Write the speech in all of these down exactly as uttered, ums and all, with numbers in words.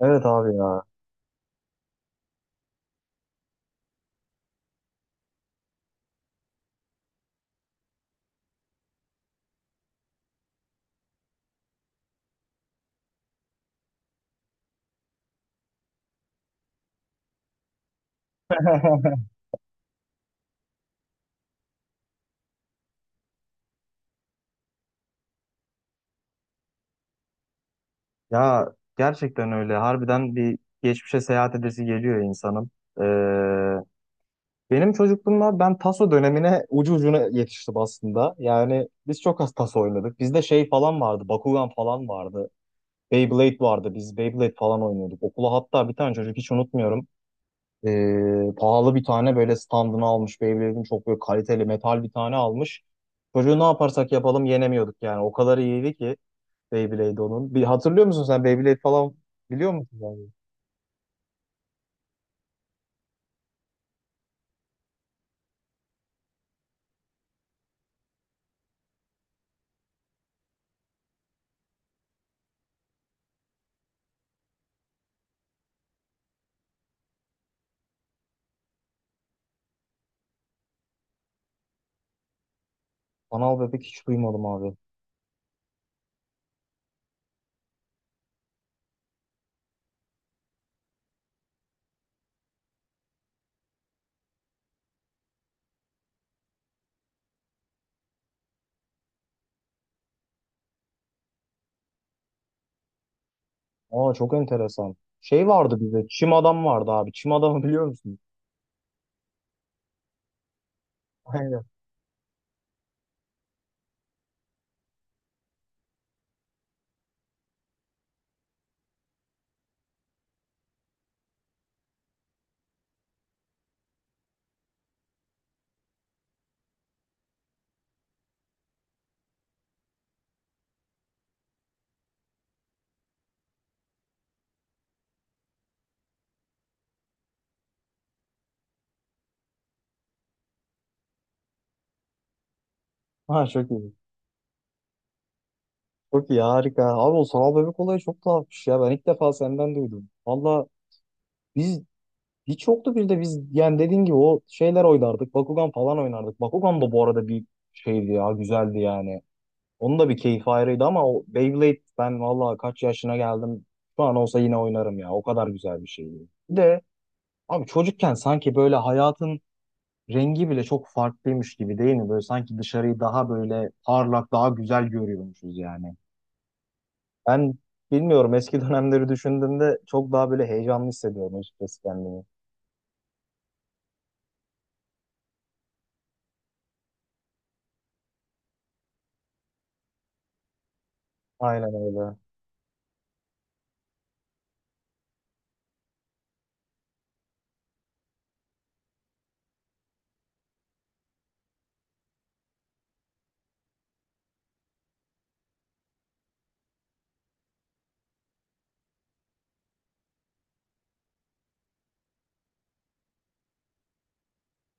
Evet abi ya. Ya gerçekten öyle. Harbiden bir geçmişe seyahat edesi geliyor insanın. Ee, Benim çocukluğumda ben taso dönemine ucu ucuna yetiştim aslında. Yani biz çok az taso oynadık. Bizde şey falan vardı. Bakugan falan vardı. Beyblade vardı. Biz Beyblade falan oynuyorduk. Okula hatta bir tane çocuk hiç unutmuyorum. Ee, pahalı bir tane böyle standını almış. Beyblade'in çok böyle kaliteli metal bir tane almış. Çocuğu ne yaparsak yapalım yenemiyorduk yani. O kadar iyiydi ki. Beyblade onun. Bir hatırlıyor musun sen Beyblade falan biliyor musun abi? Anal bebek hiç duymadım abi. Aa çok enteresan. Şey vardı bizde. Çim adam vardı abi. Çim adamı biliyor musun? Aynen. Ha çok iyi. Çok iyi harika. Abi o sanal bebek olayı çok tuhafmış ya. Ben ilk defa senden duydum. Valla biz hiç yoktu, bir de biz yani dediğin gibi o şeyler oynardık. Bakugan falan oynardık. Bakugan da bu arada bir şeydi ya, güzeldi yani. Onun da bir keyfi ayrıydı ama o Beyblade, ben vallahi kaç yaşına geldim. Şu an olsa yine oynarım ya. O kadar güzel bir şeydi. Bir de abi çocukken sanki böyle hayatın rengi bile çok farklıymış gibi değil mi? Böyle sanki dışarıyı daha böyle parlak, daha güzel görüyormuşuz yani. Ben bilmiyorum, eski dönemleri düşündüğümde çok daha böyle heyecanlı hissediyordum açıkçası kendimi. Aynen öyle.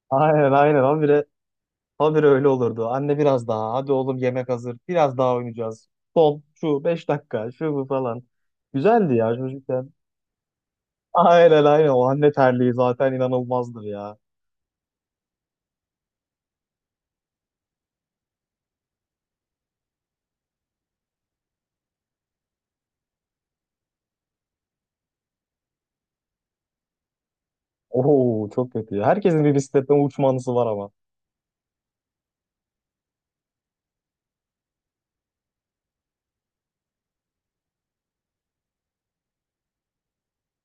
Aynen aynen abi, bir de habire öyle olurdu. Anne biraz daha. Hadi oğlum yemek hazır. Biraz daha oynayacağız. Son şu beş dakika şu bu falan. Güzeldi ya çocukken. Aynen aynen. O anne terliği zaten inanılmazdır ya. Oo çok kötü ya. Herkesin bir bisikletten uçma anısı var ama.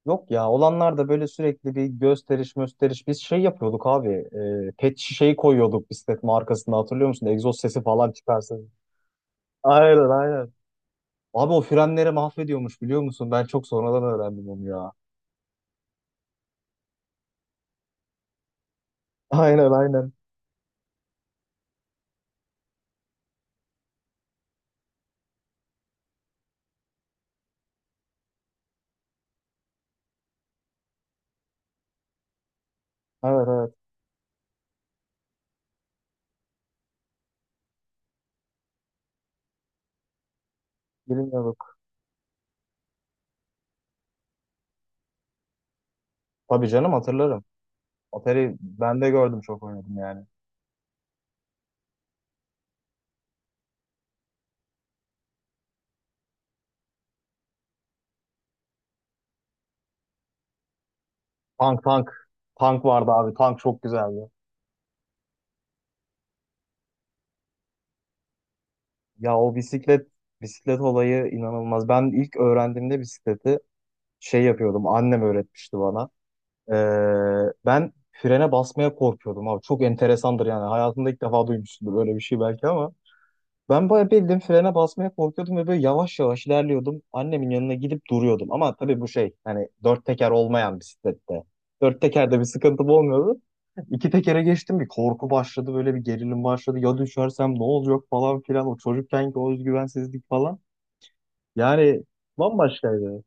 Yok ya, olanlar da böyle sürekli bir gösteriş gösteriş. Biz şey yapıyorduk abi. E, pet şişeyi koyuyorduk bisikletin arkasında, hatırlıyor musun? Egzoz sesi falan çıkarsın. Aynen aynen. Abi o frenleri mahvediyormuş, biliyor musun? Ben çok sonradan öğrendim onu ya. Aynen aynen. Evet evet, bilmiyorduk. Tabii canım hatırlarım. Atari ben de gördüm, çok oynadım yani. Tank tank. Tank vardı abi, tank çok güzeldi. Ya o bisiklet bisiklet olayı inanılmaz. Ben ilk öğrendiğimde bisikleti şey yapıyordum, annem öğretmişti bana. Ee, ben frene basmaya korkuyordum abi. Çok enteresandır yani. Hayatımda ilk defa duymuşsundur böyle bir şey belki ama. Ben bayağı bildim frene basmaya korkuyordum ve böyle yavaş yavaş ilerliyordum. Annemin yanına gidip duruyordum. Ama tabii bu şey hani dört teker olmayan bisiklette. Dört tekerde bir sıkıntım olmuyordu. İki tekere geçtim bir korku başladı, böyle bir gerilim başladı. Ya düşersem ne olacak falan filan, o çocukkenki o özgüvensizlik falan. Yani bambaşkaydı.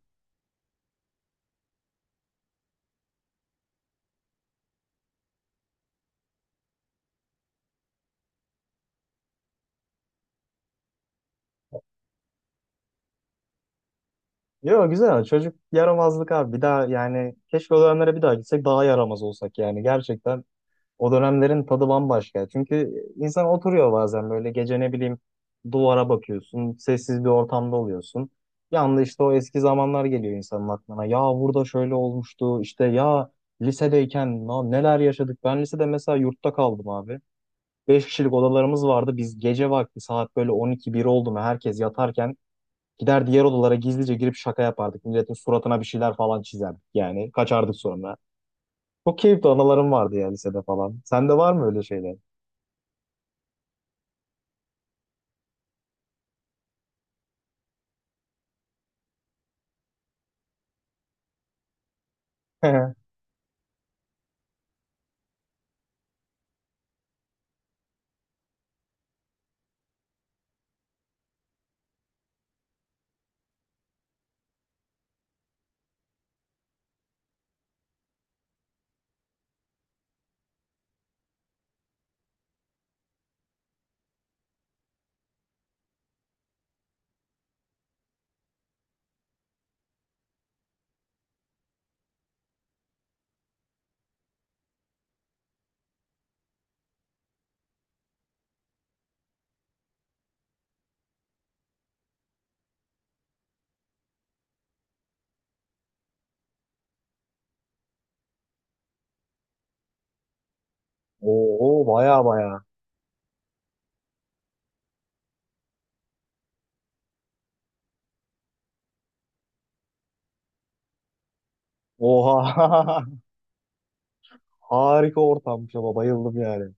Yo güzel ama çocuk yaramazlık abi, bir daha yani keşke o dönemlere bir daha gitsek, daha yaramaz olsak yani, gerçekten o dönemlerin tadı bambaşka. Çünkü insan oturuyor bazen böyle gece, ne bileyim, duvara bakıyorsun. Sessiz bir ortamda oluyorsun. Bir anda işte o eski zamanlar geliyor insanın aklına. Ya burada şöyle olmuştu, işte ya lisedeyken na- neler yaşadık. Ben lisede mesela yurtta kaldım abi. Beş kişilik odalarımız vardı. Biz gece vakti saat böyle on iki bir oldu mu herkes yatarken gider diğer odalara gizlice girip şaka yapardık. Milletin suratına bir şeyler falan çizerdik yani. Kaçardık sonra. Çok keyifli anılarım vardı ya lisede falan. Sende var mı öyle şeyler? Oo baya baya. Oha. Harika ortammış, ama bayıldım yani.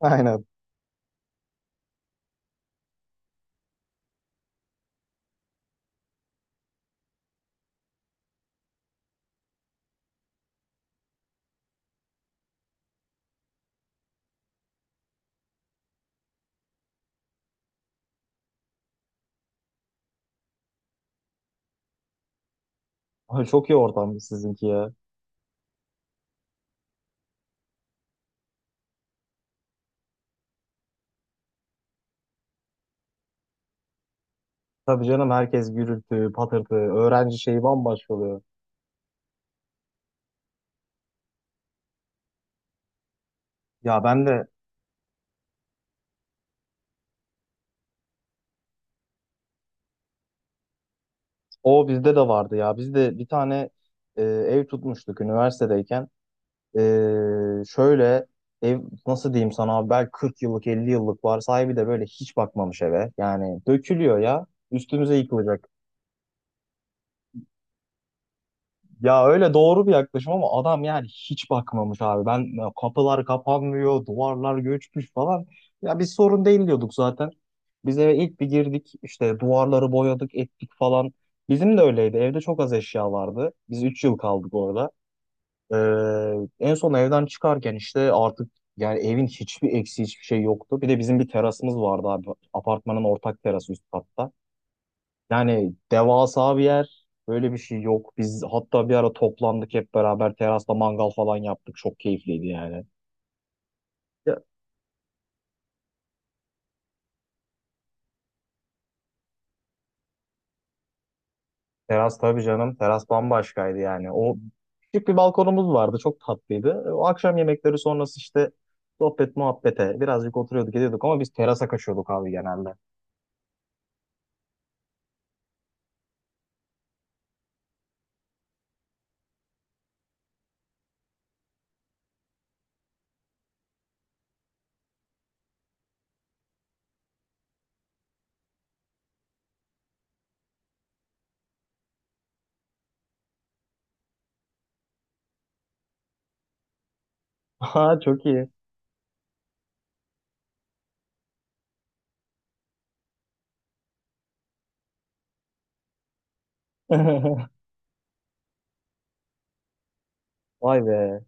Aynen. Ay, çok iyi ortam sizinki ya. Tabii canım, herkes gürültü, patırtı, öğrenci şeyi bambaşka oluyor. Ya ben de o bizde de vardı ya. Biz de bir tane e, ev tutmuştuk üniversitedeyken. E, şöyle ev nasıl diyeyim sana abi, belki kırk yıllık elli yıllık var. Sahibi de böyle hiç bakmamış eve. Yani dökülüyor ya. Üstümüze yıkılacak. Ya öyle, doğru bir yaklaşım ama adam yani hiç bakmamış abi. Ben kapılar kapanmıyor, duvarlar göçmüş falan. Ya biz sorun değil diyorduk zaten. Biz eve ilk bir girdik işte, duvarları boyadık, ettik falan. Bizim de öyleydi. Evde çok az eşya vardı. Biz üç yıl kaldık orada. Ee, En son evden çıkarken işte artık, yani evin hiçbir eksiği, hiçbir şey yoktu. Bir de bizim bir terasımız vardı abi. Apartmanın ortak terası, üst katta. Yani devasa bir yer. Böyle bir şey yok. Biz hatta bir ara toplandık hep beraber terasta mangal falan yaptık. Çok keyifliydi yani. Ya, teras tabii canım. Teras bambaşkaydı yani. O küçük bir balkonumuz vardı. Çok tatlıydı. E, O akşam yemekleri sonrası işte sohbet muhabbete birazcık oturuyorduk, ediyorduk ama biz terasa kaçıyorduk abi, genelde. Ha çok iyi. Vay be.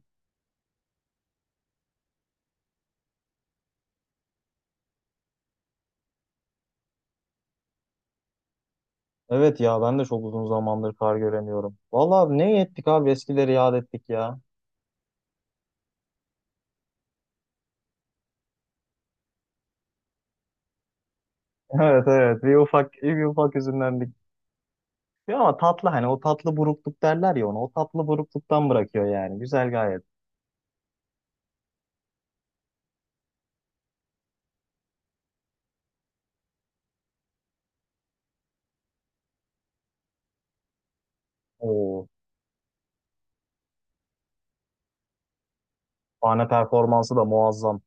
Evet ya, ben de çok uzun zamandır kar göremiyorum. Vallahi ne ettik abi, eskileri yad ettik ya. Evet evet, bir ufak bir ufak üzümden. Ya ama tatlı, hani o tatlı burukluk derler ya ona. O tatlı burukluktan bırakıyor yani. Güzel gayet. O sahne performansı da muazzam.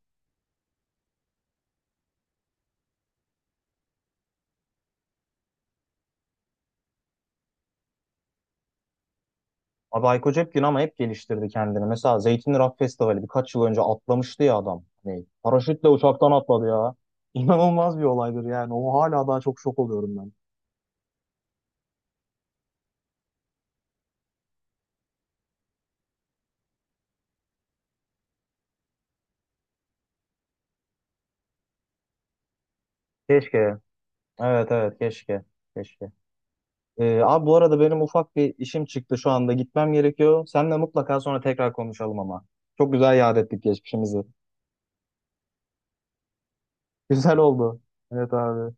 Abi Hayko Cepkin ama hep geliştirdi kendini. Mesela Zeytinli Rock Festivali birkaç yıl önce atlamıştı ya adam. Hani paraşütle uçaktan atladı ya. İnanılmaz bir olaydır yani. O hala daha çok şok oluyorum ben. Keşke. Evet evet keşke. Keşke. Ee, abi bu arada benim ufak bir işim çıktı şu anda. Gitmem gerekiyor. Seninle mutlaka sonra tekrar konuşalım ama. Çok güzel yad ettik geçmişimizi. Güzel oldu. Evet abi.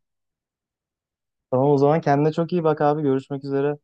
Tamam, o zaman kendine çok iyi bak abi. Görüşmek üzere.